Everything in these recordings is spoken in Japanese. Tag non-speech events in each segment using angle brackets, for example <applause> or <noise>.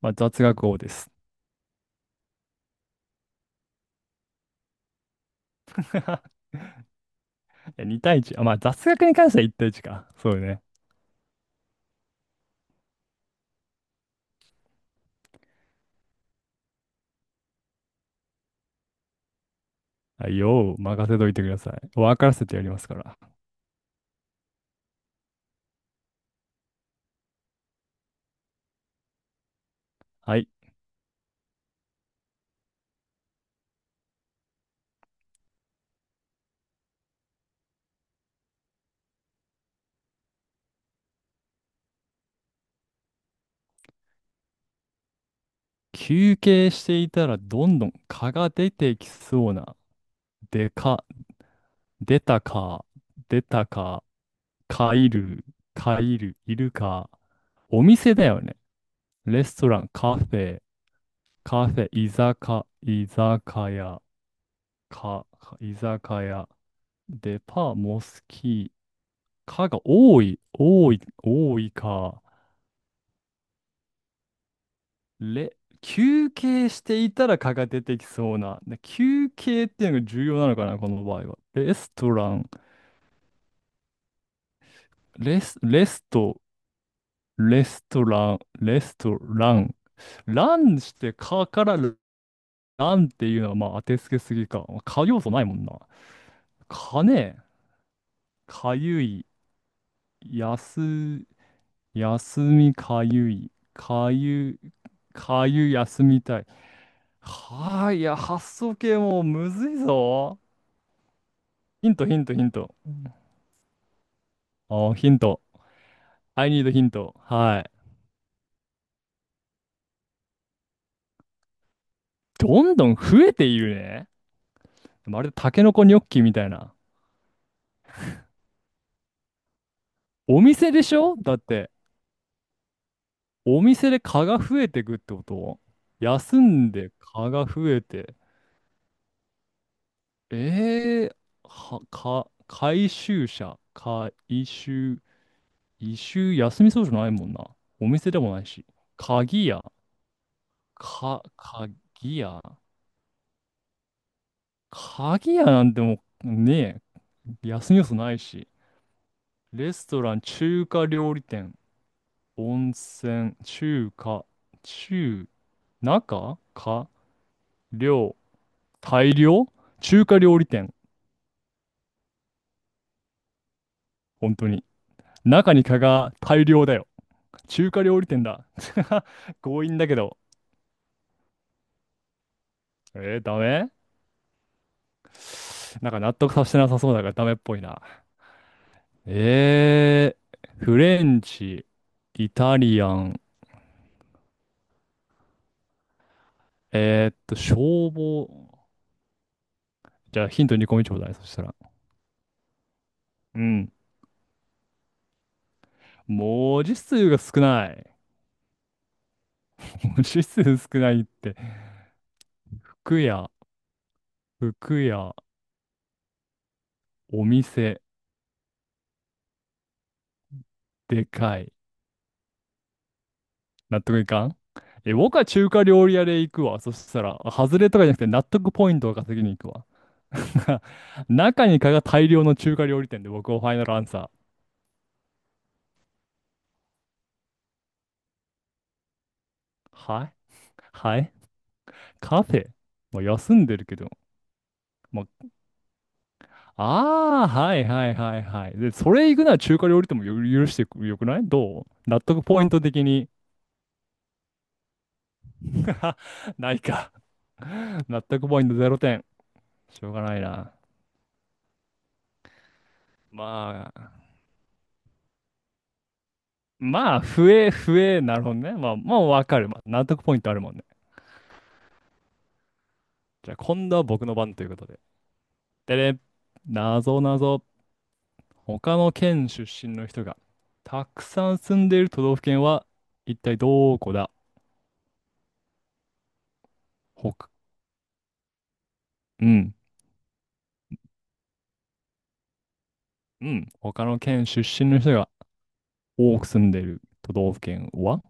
まあ、雑学王です。<laughs> いや2対1。あ、まあ、雑学に関しては1対1か。そうね。はい、よー任せといてください。分からせてやりますから。はい。休憩していたらどんどん蚊が出てきそうな。でか、出たか、出たか、蚊いる、蚊いる、いるか。お店だよね。レストラン、カフェ、カフェ、居酒屋、か、居酒屋、デパ、モスキー、かが多い、多い、多いか。れ、休憩していたらかが出てきそうな。で休憩っていうのが重要なのかな、この場合は。レストラン、レス、レスト、レストラン、レストラン。ランしてかからランっていうのはまあ当てつけすぎか。か要素ないもんな。かね、かゆい、やす、休みかゆい、かゆ、かゆ休みたい。はあ、いや、発想系もうむずいぞ。ヒント、ヒント、ヒント。あー、ヒント。I need ヒント。はい。どんどん増えているね。まるでタケノコニョッキみたいな。お店でしょだって、お店で蚊が増えてくってこと休んで蚊が増えて。えー、は、か、回収者、回収、一周休みそうじゃないもんな。お店でもないし。鍵屋、か、鍵屋。鍵屋なんてもうねえ、休み要素ないし。レストラン、中華料理店、温泉、中華、中、中、か、量、大量中華料理店。本当に。中に蚊が大量だよ。中華料理店だ。<laughs> 強引だけど。えー、ダメなんか納得させてなさそうだからダメっぽいな。えー、フレンチ、イタリアン、消防。じゃあヒントに個目ちょうだい。そしたら。うん。文字数が少ない。<laughs> 文字数少ないって、服屋、服屋、お店、でかい。納得いかんえ、僕は中華料理屋で行くわ。そしたら、あ外れとかじゃなくて納得ポイントを稼ぎに行くわ。<laughs> 中に蚊が大量の中華料理店で僕はファイナルアンサー。はい、はい、カフェ。まあ、休んでるけど、まあ、ああ、はいはいはいはい。で、それ行くなら中華料理店もよ許してくよくないどう納得ポイント的に。<laughs> ないか。納得ポイント0点。しょうがないな。まあ、まあ、増え、増え、なるほどね。まあ、まあ、わかる。まあ、納得ポイントあるもんね。じゃあ、今度は僕の番ということで。でね、なぞなぞ。他の県出身の人がたくさん住んでいる都道府県は一体どこだ？ほか、うん、うん。他の県出身の人が多く住んでる都道府県は？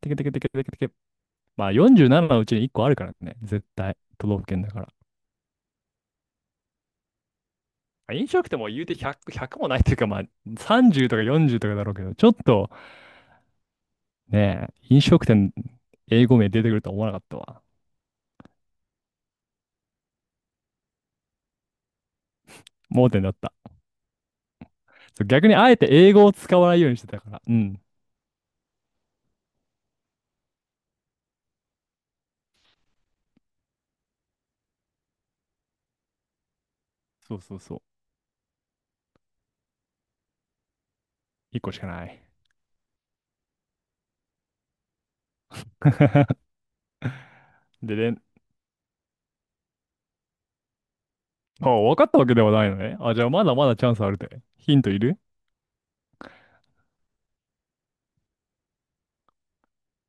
てけてけてけてけてけ。まあ47のうちに1個あるからね。絶対。都道府県だから。飲食店も言うて100、ひゃくもないというか、まあ30とか40とかだろうけど、ちょっとね、飲食店、英語名出てくるとは思わなかったわ。盲点だった。逆にあえて英語を使わないようにしてたから。うん。そうそうそう。1個しかない。<laughs> でね、まあ、分かったわけではないのね。あ、じゃあまだまだチャンスあるで。ヒントいる？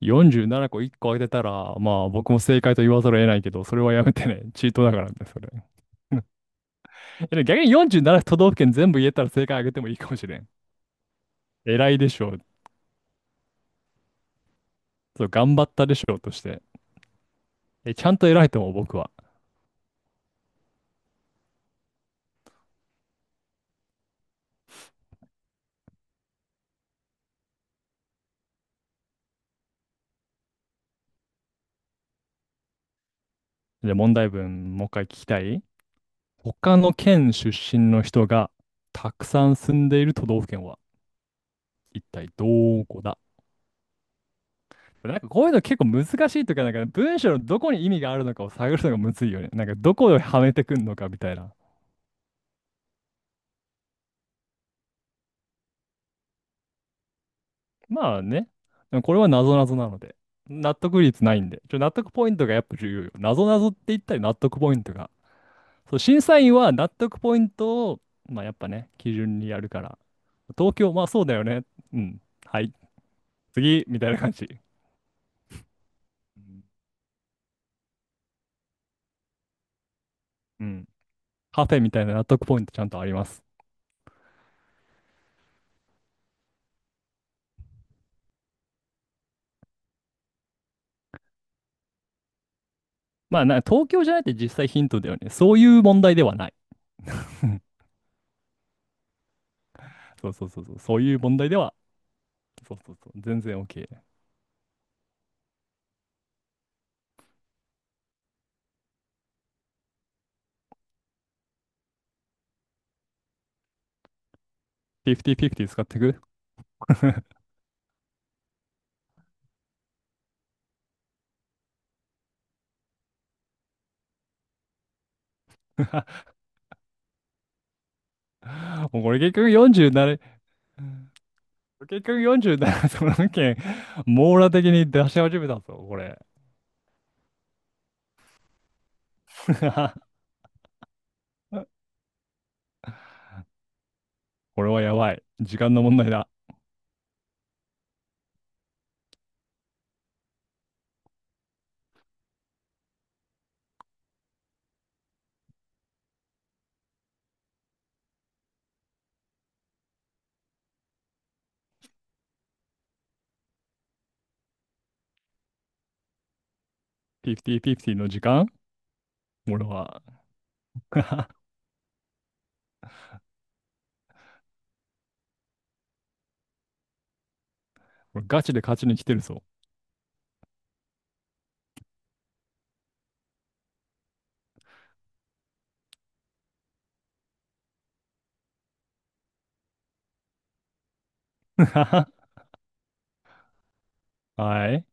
47個1個当てたら、まあ僕も正解と言わざるを得ないけど、それはやめてね。<laughs> チートだからね、それ。<laughs> でも逆に47都道府県全部言えたら正解あげてもいいかもしれん。偉いでしょう。そう、頑張ったでしょうとして。え、ちゃんと偉いと思う、僕は。で、問題文、もう一回聞きたい。他の県出身の人がたくさん住んでいる都道府県は一体どこだ？なんかこういうの結構難しいというか、なんか文章のどこに意味があるのかを探るのがむずいよね。なんかどこをはめてくんのかみたいな。まあね。でもこれは謎々なので。納得率ないんで。ちょ、納得ポイントがやっぱ重要よ。謎々って言ったり納得ポイントが。そう、審査員は納得ポイントを、まあやっぱね、基準にやるから。東京、まあそうだよね。うん。はい。次、みたいな感じ。うん。うん。カフェみたいな納得ポイントちゃんとあります。まあな、東京じゃないって実際ヒントだよね。そういう問題ではない。<laughs> そうそうそうそう。そういう問題では、そうそうそう。全然 OK。50-50使ってく。 <laughs> もうこれ結局47、結局47都道府県、網羅的に出し始めたぞ、これ。<laughs> これはやばい。時間の問題だ。50-50の時間俺は。<laughs> 俺ガチで勝ちに来てるぞ。<laughs> はい。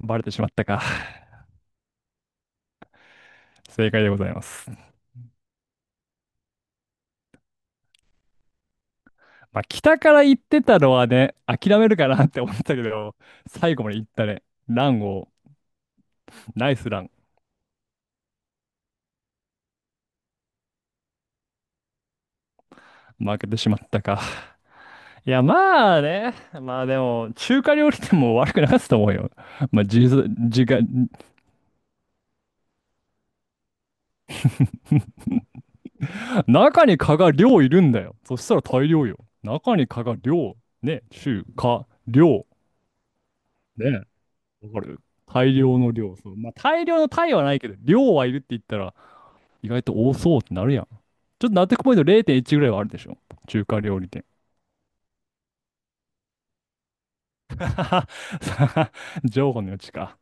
バレてしまったか。正解でございます。まあ、北から行ってたのはね、諦めるかなって思ったけど、最後まで行ったね。ランを、ナイスラン。負けてしまったか。いや、まあね。まあでも、中華料理店も悪くなかったと思うよ。まあ、じ、じが、中に蚊が量いるんだよ。そしたら大量よ。中に蚊が量、ね、中華、量、ね、わかる？大量の量。そう。まあ、大量の単位はないけど、量はいるって言ったら、意外と多そうってなるやん。ちょっと納得ポイント0.1ぐらいはあるでしょ。中華料理店。<laughs> 情報の余地か。